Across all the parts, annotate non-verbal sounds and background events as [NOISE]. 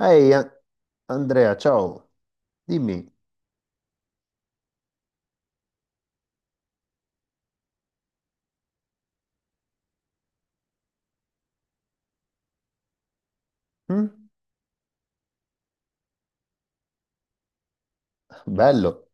Ehi Andrea, ciao, dimmi. Mm? Bello.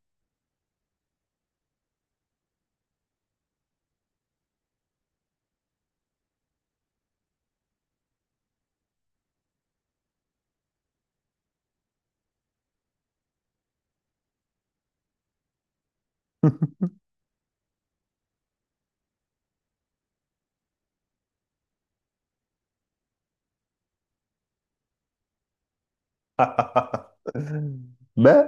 [LAUGHS] Beh,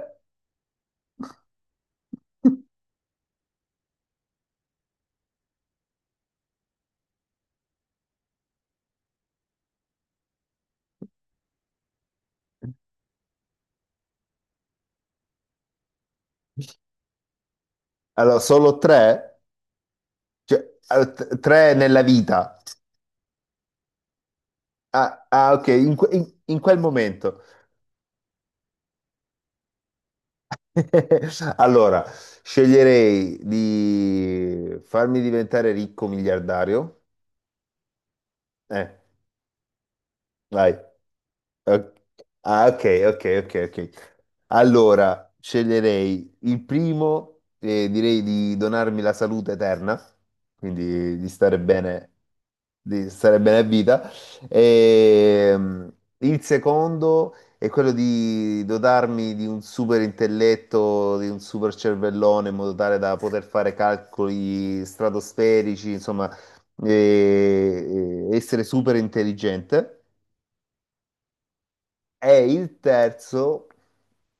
allora solo tre? Cioè, tre nella vita. Ah, ah, ok, in quel momento. [LAUGHS] Allora, sceglierei di farmi diventare ricco miliardario. Eh, vai. Ok. Ah, ok, ok. Allora, sceglierei il primo e direi di donarmi la salute eterna, quindi di stare bene a vita. E, il secondo è quello di dotarmi di un super intelletto, di un super cervellone, in modo tale da poter fare calcoli stratosferici, insomma, e essere super intelligente è il terzo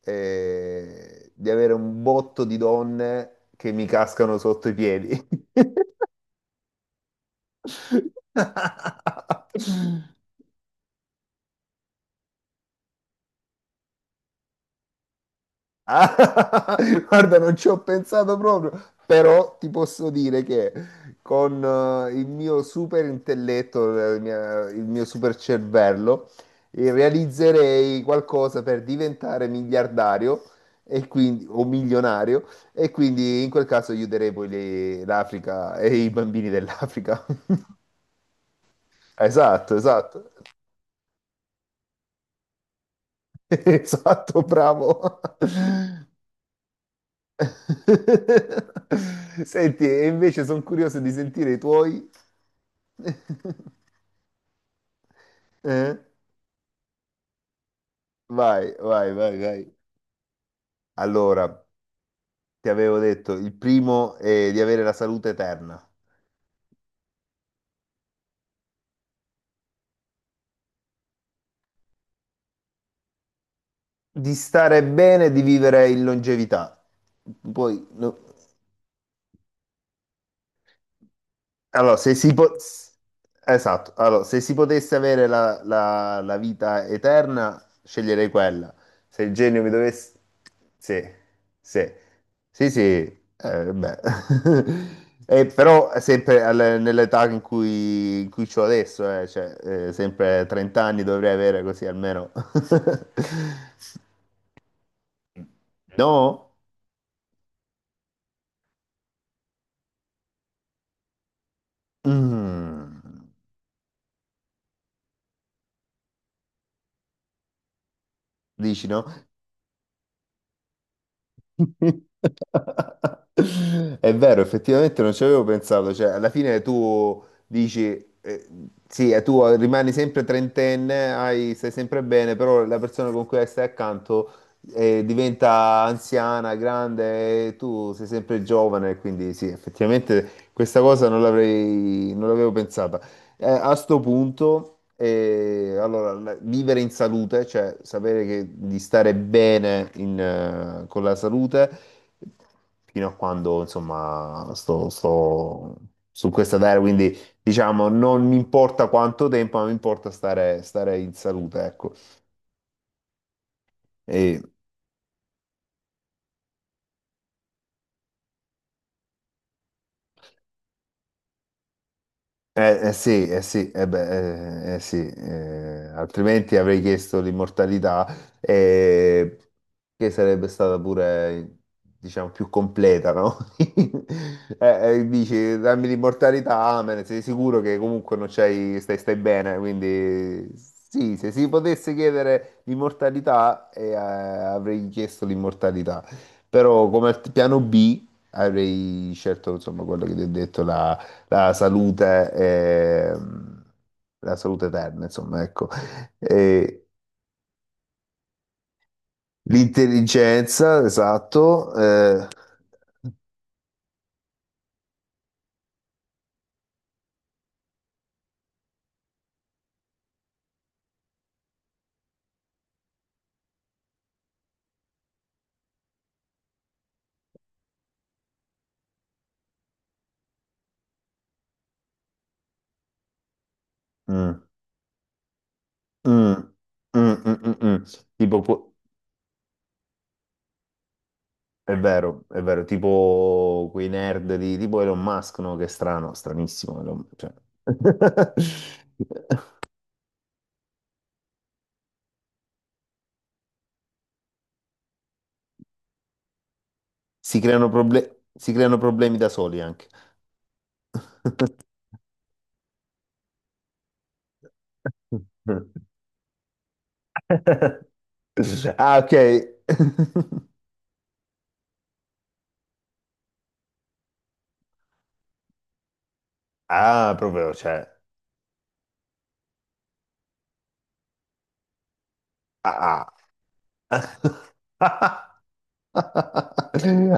di avere un botto di donne che mi cascano sotto i piedi. [LAUGHS] Ah, [LAUGHS] guarda, non ci ho pensato proprio, però ti posso dire che con il mio super intelletto, il mio super cervello, realizzerei qualcosa per diventare miliardario e quindi, o milionario, e quindi in quel caso aiuterei poi l'Africa e i bambini dell'Africa. [LAUGHS] Esatto, esatto, [LAUGHS] esatto, bravo. [LAUGHS] Senti, e invece sono curioso di sentire i tuoi. [LAUGHS] Eh? Vai. Allora, ti avevo detto, il primo è di avere la salute eterna, di stare bene e di vivere in longevità. Poi, no. Allora, se si po- s- esatto, allora, se si potesse avere la vita eterna, sceglierei quella. Se il genio mi dovesse... Sì, sì, sì, sì, beh. [LAUGHS] Però è sempre nell'età in cui c'ho adesso, cioè, sempre 30 anni dovrei avere così almeno. [LAUGHS] No? Mm. Dici no? [LAUGHS] È vero, effettivamente non ci avevo pensato, cioè alla fine tu dici, eh, sì, tu rimani sempre trentenne, stai sempre bene, però la persona con cui stai accanto diventa anziana, grande e tu sei sempre giovane, quindi sì, effettivamente questa cosa non l'avrei, non l'avevo pensato. A sto punto, allora, vivere in salute, cioè sapere di stare bene in, con la salute, fino a quando, insomma, sto su questa terra, quindi diciamo, non mi importa quanto tempo, ma mi importa stare in salute, ecco. Eh sì, eh sì, eh beh, eh sì, altrimenti avrei chiesto l'immortalità, eh, che sarebbe stata pure, diciamo, più completa, no? [LAUGHS] Eh, dici, dammi l'immortalità, amen, sei sicuro che comunque non c'hai, stai bene, quindi sì, se si potesse chiedere l'immortalità, avrei chiesto l'immortalità, però come piano B avrei scelto, insomma, quello che ti ho detto, la salute, eh, la salute eterna, insomma, ecco. E l'intelligenza, esatto. Mm, mm, mm, mm, mm, mm. mm. Tipo, pu- è vero, tipo quei nerd di tipo Elon Musk, no? Che è strano, stranissimo. Cioè. [LAUGHS] Si creano problemi da soli anche. [LAUGHS] Ah, ok. [LAUGHS] Ah, proprio, cioè, ah. Ah, [LAUGHS]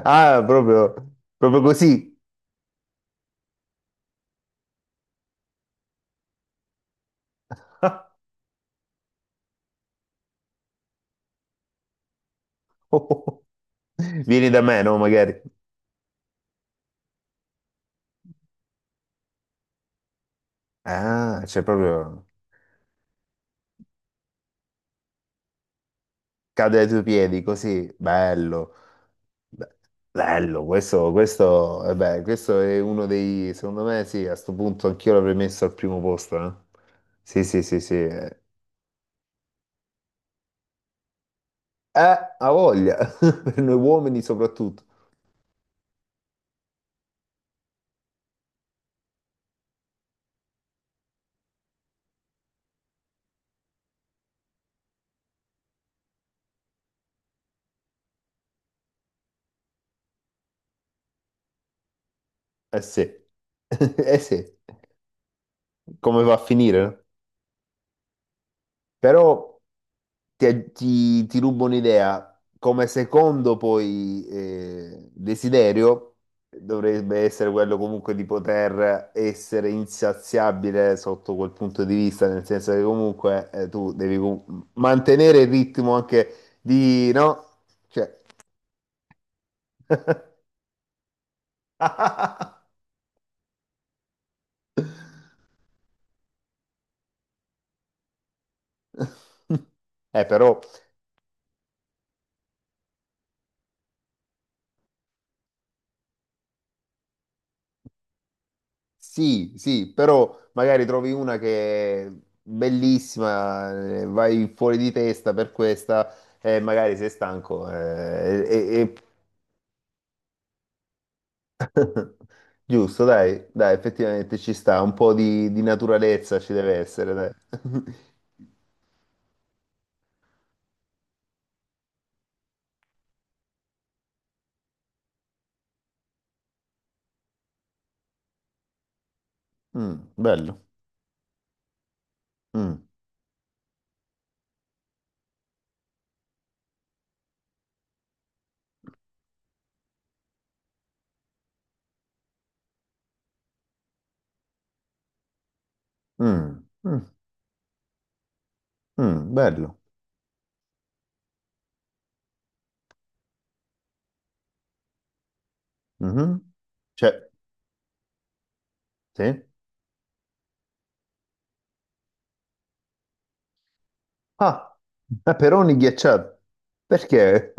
ah, proprio, proprio così. [LAUGHS] Vieni da me, no? Magari. Ah, cioè proprio cade ai tuoi piedi così, bello. Be- Bello, questo, eh beh, questo è uno dei, secondo me sì, a sto punto anch'io l'avrei messo al primo posto. Eh. Sì, sì, sì. Eh, ha voglia, [LAUGHS] per noi uomini soprattutto. Eh sì, [LAUGHS] eh sì, come va a finire? No? Però... ti rubo un'idea. Come secondo poi desiderio dovrebbe essere quello comunque di poter essere insaziabile sotto quel punto di vista, nel senso che comunque tu devi mantenere il ritmo anche di, no? Cioè... [LAUGHS] però sì, sì, però magari trovi una che è bellissima, vai fuori di testa per questa e magari sei stanco. Eh, giusto, dai, effettivamente ci sta, un po' di naturalezza ci deve essere, dai. [LAUGHS] Mm, bello. Mm, mm, mm, mm, bello. Mhm. Cioè, sì. Ah, peperoni ghiacciati. Perché?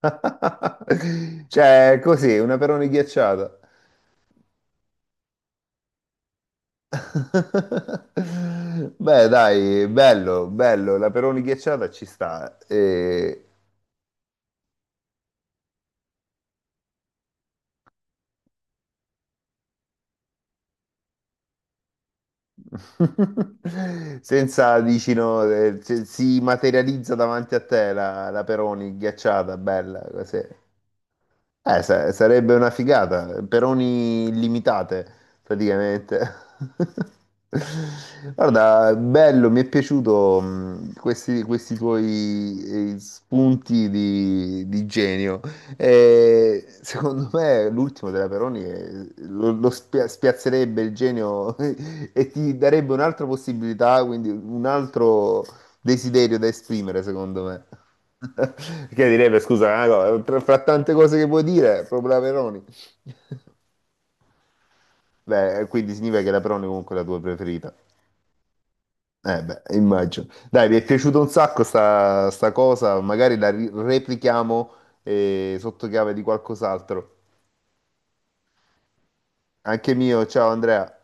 [LAUGHS] Cioè, così, una peroni ghiacciata. [LAUGHS] Beh, dai, bello, la peroni ghiacciata ci sta. E... [LAUGHS] Senza, dici, no, si materializza davanti a te la peroni ghiacciata, bella, così. Sarebbe una figata, peroni illimitate praticamente. [LAUGHS] Guarda, bello, mi è piaciuto questi tuoi spunti di genio. E secondo me l'ultimo della Peroni lo spiazzerebbe il genio [LAUGHS] e ti darebbe un'altra possibilità, quindi un altro desiderio da esprimere, secondo me. [LAUGHS] Che direbbe, scusa, ah, no, fra tante cose che vuoi dire, proprio la Peroni. Beh, quindi significa che la Peroni comunque è la tua preferita. Eh beh, immagino. Dai, mi è piaciuta un sacco sta cosa, magari la replichiamo sotto chiave di qualcos'altro. Anche mio, ciao Andrea.